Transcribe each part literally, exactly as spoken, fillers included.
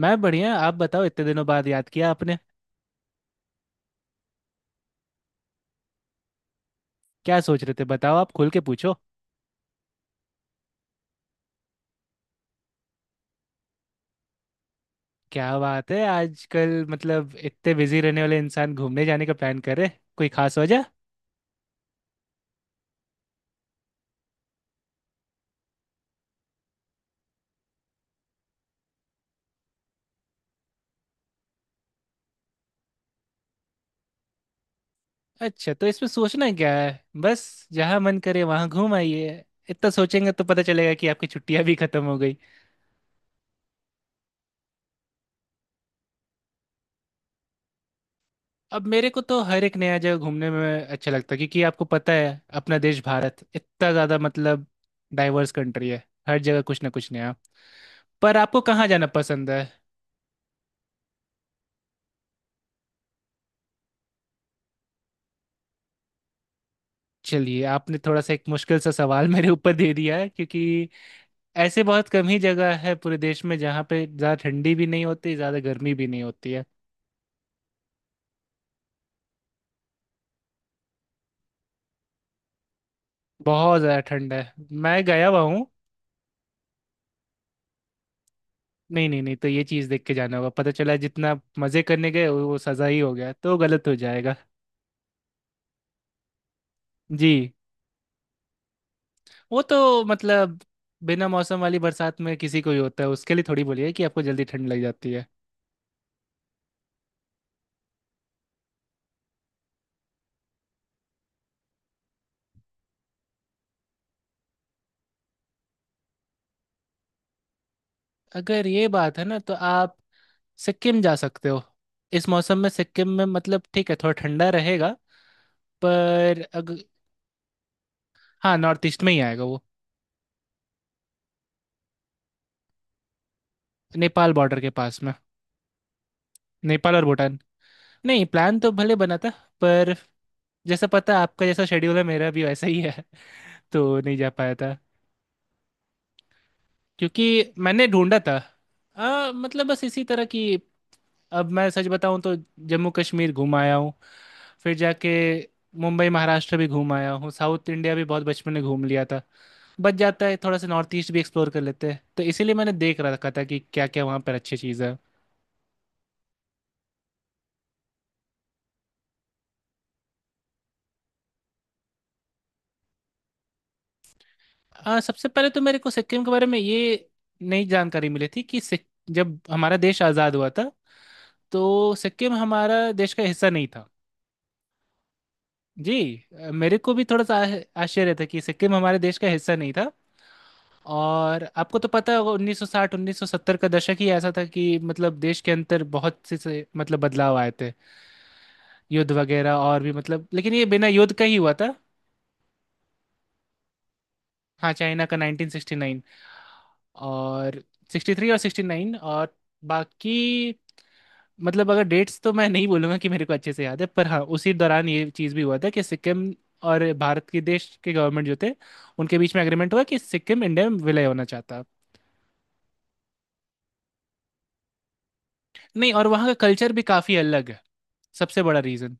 मैं बढ़िया आप बताओ इतने दिनों बाद याद किया आपने। क्या सोच रहे थे बताओ आप खुल के पूछो। क्या बात है आजकल मतलब इतने बिजी रहने वाले इंसान घूमने जाने का प्लान करे, कोई खास वजह। अच्छा, तो इसमें सोचना क्या है। बस जहाँ मन करे वहाँ घूम आइए। इतना सोचेंगे तो पता चलेगा कि आपकी छुट्टियाँ भी खत्म हो गई। अब मेरे को तो हर एक नया जगह घूमने में अच्छा लगता है क्योंकि आपको पता है अपना देश भारत इतना ज़्यादा मतलब डाइवर्स कंट्री है। हर जगह कुछ ना कुछ नया। पर आपको कहाँ जाना पसंद है। चलिए आपने थोड़ा सा एक मुश्किल सा सवाल मेरे ऊपर दे दिया है क्योंकि ऐसे बहुत कम ही जगह है पूरे देश में जहाँ पे ज़्यादा ठंडी भी नहीं होती ज़्यादा गर्मी भी नहीं होती है। बहुत ज़्यादा ठंड है। मैं गया हुआ हूँ। नहीं नहीं नहीं, तो ये चीज़ देख के जाना होगा, पता चला जितना मज़े करने गए वो वो सज़ा ही हो गया तो गलत हो जाएगा। जी। वो तो मतलब बिना मौसम वाली बरसात में किसी को ही होता है, उसके लिए थोड़ी बोलिए कि आपको जल्दी ठंड लग जाती है। अगर ये बात है ना तो आप सिक्किम जा सकते हो। इस मौसम में सिक्किम में मतलब ठीक है थोड़ा ठंडा रहेगा। पर अग... हाँ, नॉर्थ ईस्ट में ही आएगा वो। नेपाल बॉर्डर के पास में। नेपाल और भूटान। नहीं, प्लान तो भले बना था पर जैसा पता आपका जैसा शेड्यूल है मेरा भी वैसा ही है। तो नहीं जा पाया था। क्योंकि मैंने ढूंढा था, आ, मतलब बस इसी तरह की। अब मैं सच बताऊं तो जम्मू कश्मीर घूम आया हूँ। फिर जाके मुंबई महाराष्ट्र भी घूम आया हूँ, साउथ इंडिया भी बहुत बचपन में घूम लिया था। बच जाता है थोड़ा सा, नॉर्थ ईस्ट भी एक्सप्लोर कर लेते हैं, तो इसीलिए मैंने देख रखा था कि क्या क्या वहाँ पर अच्छी चीज़ है। आ, सबसे पहले तो मेरे को सिक्किम के बारे में ये नई जानकारी मिली थी कि सिक, जब हमारा देश आज़ाद हुआ था तो सिक्किम हमारा देश का हिस्सा नहीं था। जी। अ, मेरे को भी थोड़ा सा आ- आश्चर्य था कि सिक्किम हमारे देश का हिस्सा नहीं था। और आपको तो पता होगा उन्नीस सौ साठ उन्नीस सौ सत्तर का दशक ही ऐसा था कि मतलब देश के अंदर बहुत से से, मतलब बदलाव आए थे। युद्ध वगैरह और भी, मतलब लेकिन ये बिना युद्ध का ही हुआ था। हाँ चाइना का नाइन्टीन सिक्सटी नाइन और सिक्सटी थ्री और सिक्सटी नाइन और बाकी, मतलब अगर डेट्स तो मैं नहीं बोलूंगा कि मेरे को अच्छे से याद है, पर हाँ उसी दौरान ये चीज़ भी हुआ था कि सिक्किम और भारत के देश के गवर्नमेंट जो थे उनके बीच में एग्रीमेंट हुआ कि सिक्किम इंडिया में विलय होना चाहता। नहीं, और वहाँ का कल्चर भी काफ़ी अलग है। सबसे बड़ा रीज़न।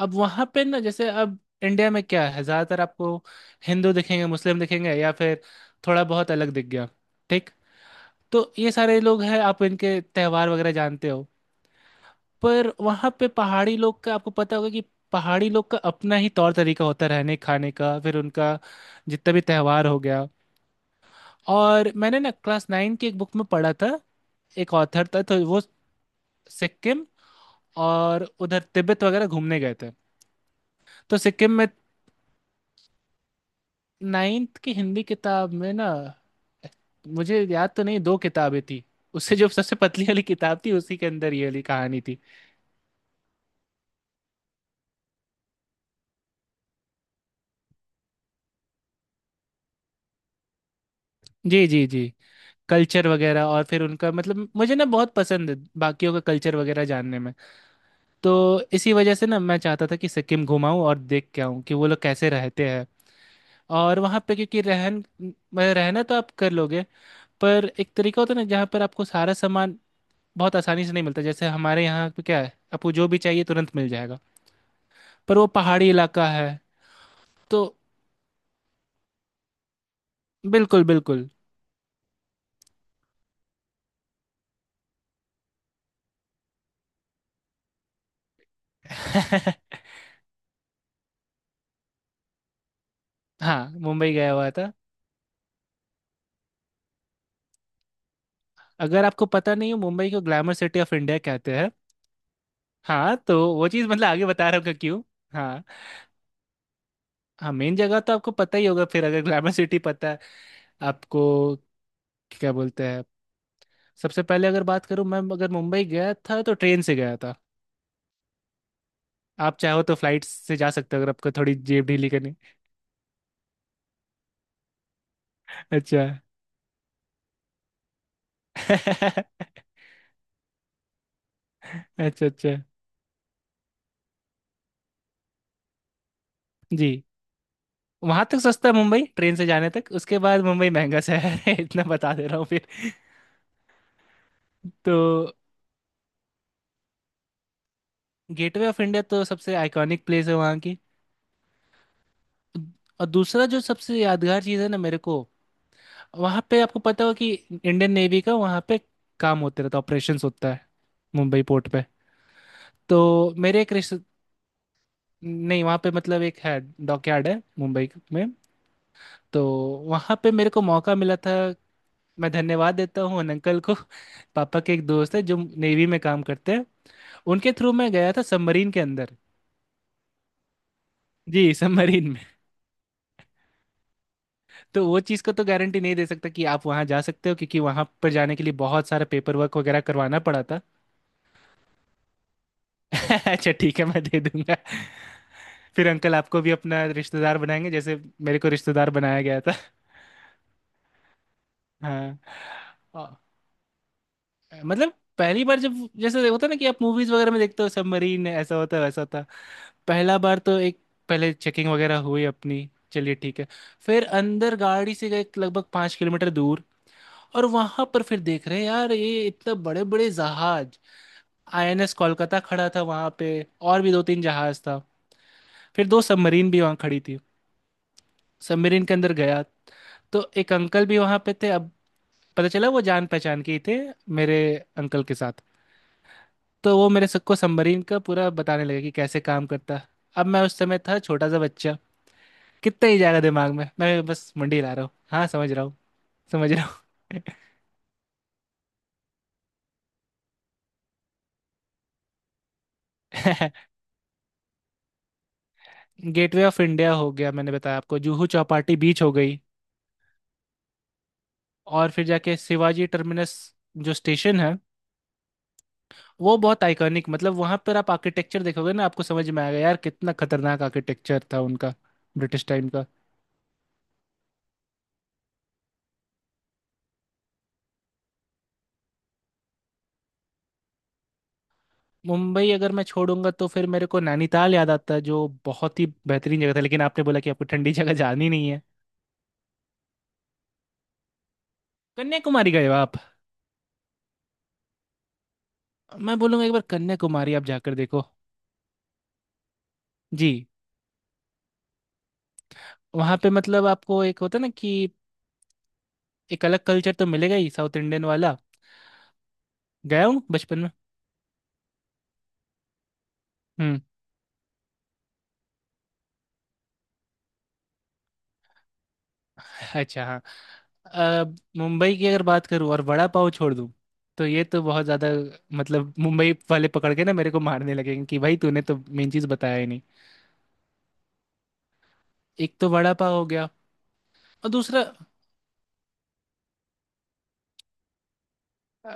अब वहाँ पे ना, जैसे अब इंडिया में क्या है ज़्यादातर आपको हिंदू दिखेंगे मुस्लिम दिखेंगे या फिर थोड़ा बहुत अलग दिख गया, ठीक। तो ये सारे लोग हैं, आप इनके त्योहार वगैरह जानते हो। पर वहाँ पे पहाड़ी लोग का आपको पता होगा कि पहाड़ी लोग का अपना ही तौर तरीका होता है रहने खाने का, फिर उनका जितना भी त्योहार हो गया। और मैंने ना क्लास नाइन की एक बुक में पढ़ा था, एक ऑथर था तो वो सिक्किम और उधर तिब्बत वगैरह घूमने गए थे। तो सिक्किम में, नाइन्थ की हिंदी किताब में ना, मुझे याद तो नहीं, दो किताबें थी उससे जो सबसे पतली वाली किताब थी उसी के अंदर ये वाली कहानी थी। जी जी जी। कल्चर वगैरह और फिर उनका मतलब, मुझे ना बहुत पसंद है बाकियों का कल्चर वगैरह जानने में। तो इसी वजह से ना मैं चाहता था कि सिक्किम घुमाऊं और देख के आऊं कि वो लोग कैसे रहते हैं। और वहाँ पे क्योंकि रहन मैं- रहना तो आप कर लोगे, पर एक तरीका होता है ना जहाँ पर आपको सारा सामान बहुत आसानी से नहीं मिलता, जैसे हमारे यहाँ पे क्या है आपको जो भी चाहिए तुरंत मिल जाएगा। पर वो पहाड़ी इलाका है। तो बिल्कुल बिल्कुल। हाँ, मुंबई गया हुआ था। अगर आपको पता नहीं हो, मुंबई को ग्लैमर सिटी ऑफ इंडिया कहते हैं। हाँ, तो वो चीज़ मतलब आगे बता रहा हूँ कि क्यों। हाँ। हाँ, मेन जगह तो आपको पता ही होगा फिर अगर ग्लैमर सिटी पता है आपको, क्या बोलते हैं। सबसे पहले अगर बात करूँ, मैं अगर मुंबई गया था तो ट्रेन से गया था। आप चाहो तो फ्लाइट से जा सकते हो अगर आपको थोड़ी जेब ढीली करनी। अच्छा। अच्छा। अच्छा। जी। वहाँ तक सस्ता है मुंबई ट्रेन से जाने तक, उसके बाद मुंबई महंगा शहर है इतना बता दे रहा हूँ फिर। तो गेटवे ऑफ इंडिया तो सबसे आइकॉनिक प्लेस है वहाँ की। और दूसरा जो सबसे यादगार चीज़ है ना मेरे को, वहां पे आपको पता हो कि इंडियन नेवी का वहां पे काम होते रहता है, ऑपरेशंस होता है मुंबई पोर्ट पे। तो मेरे एक रिश्ते, नहीं वहां पे मतलब एक है, डॉकयार्ड है मुंबई में, तो वहां पे मेरे को मौका मिला था। मैं धन्यवाद देता हूँ उन अंकल को पापा के एक दोस्त है जो नेवी में काम करते हैं, उनके थ्रू मैं गया था सबमरीन के अंदर। जी, सबमरीन में। तो वो चीज़ का तो गारंटी नहीं दे सकता कि आप वहाँ जा सकते हो क्योंकि वहाँ पर जाने के लिए बहुत सारा पेपर वर्क वगैरह करवाना पड़ा था। अच्छा ठीक है, मैं दे दूंगा। फिर अंकल आपको भी अपना रिश्तेदार बनाएंगे जैसे मेरे को रिश्तेदार बनाया गया था। हाँ। आ, मतलब पहली बार जब, जैसे होता है ना कि आप मूवीज वगैरह में देखते हो सबमरीन ऐसा होता है वैसा होता। पहला बार तो एक, पहले चेकिंग वगैरह हुई अपनी, चलिए ठीक है। फिर अंदर गाड़ी से गए लगभग पाँच किलोमीटर दूर और वहां पर फिर देख रहे हैं यार ये इतने बड़े बड़े जहाज। आईएनएस कोलकाता खड़ा था वहां पे और भी दो तीन जहाज था, फिर दो सबमरीन भी वहां खड़ी थी। सबमरीन के अंदर गया तो एक अंकल भी वहां पे थे, अब पता चला वो जान पहचान के ही थे मेरे अंकल के साथ। तो वो मेरे सबको सबमरीन का पूरा बताने लगे कि कैसे काम करता। अब मैं उस समय था छोटा सा बच्चा, कितना ही जाएगा दिमाग में। मैं बस मंडी ला रहा हूँ, हाँ समझ रहा हूँ समझ रहा हूँ। गेटवे ऑफ इंडिया हो गया, मैंने बताया आपको। जुहू चौपाटी बीच हो गई। और फिर जाके शिवाजी टर्मिनस जो स्टेशन है, वो बहुत आइकॉनिक, मतलब वहां पर आप आर्किटेक्चर देखोगे ना आपको समझ में आएगा यार कितना खतरनाक आर्किटेक्चर था उनका। ब्रिटिश टाइम का। मुंबई अगर मैं छोड़ूंगा तो फिर मेरे को नैनीताल याद आता है जो बहुत ही बेहतरीन जगह था, लेकिन आपने बोला कि आपको ठंडी जगह जानी नहीं है। कन्याकुमारी गए हो आप। मैं बोलूंगा एक बार कन्याकुमारी आप जाकर देखो। जी। वहां पे मतलब आपको एक होता है ना कि एक अलग कल्चर तो मिलेगा ही, साउथ इंडियन वाला। गया हूँ बचपन में। हम्म। अच्छा हाँ। अ, मुंबई की अगर बात करूँ और वड़ा पाव छोड़ दूँ तो ये तो बहुत ज़्यादा, मतलब मुंबई वाले पकड़ के ना मेरे को मारने लगेंगे कि भाई तूने तो मेन चीज़ बताया ही नहीं। एक तो वड़ा पाव हो गया। और दूसरा, अ,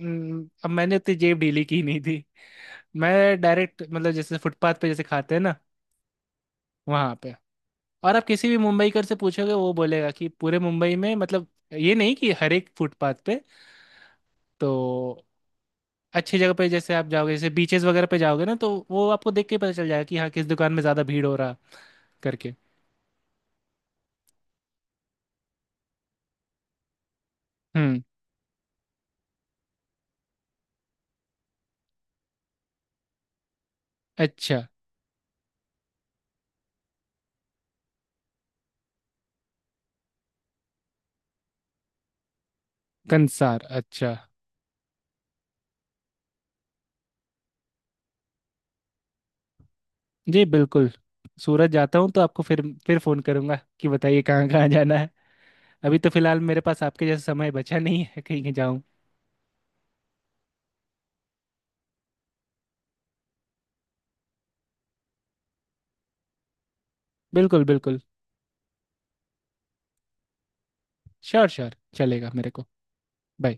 न- अब मैंने उतनी जेब ढीली की नहीं थी, मैं डायरेक्ट मतलब जैसे फुटपाथ पे जैसे खाते हैं ना, वहाँ पे। और आप किसी भी मुंबईकर से पूछोगे वो बोलेगा कि पूरे मुंबई में, मतलब ये नहीं कि हर एक फुटपाथ पे। तो अच्छी जगह पे जैसे आप जाओगे जैसे बीचेस वगैरह पे जाओगे ना तो वो आपको देख के पता चल जाएगा कि हाँ किस दुकान में ज्यादा भीड़ हो रहा करके। हम्म। अच्छा। कंसार अच्छा। जी बिल्कुल। सूरत जाता हूँ तो आपको फिर फिर फोन करूंगा कि बताइए कहाँ कहाँ जाना है। अभी तो फिलहाल मेरे पास आपके जैसा समय बचा नहीं है कहीं जाऊँ। बिल्कुल बिल्कुल। श्योर श्योर, चलेगा मेरे को। Bye.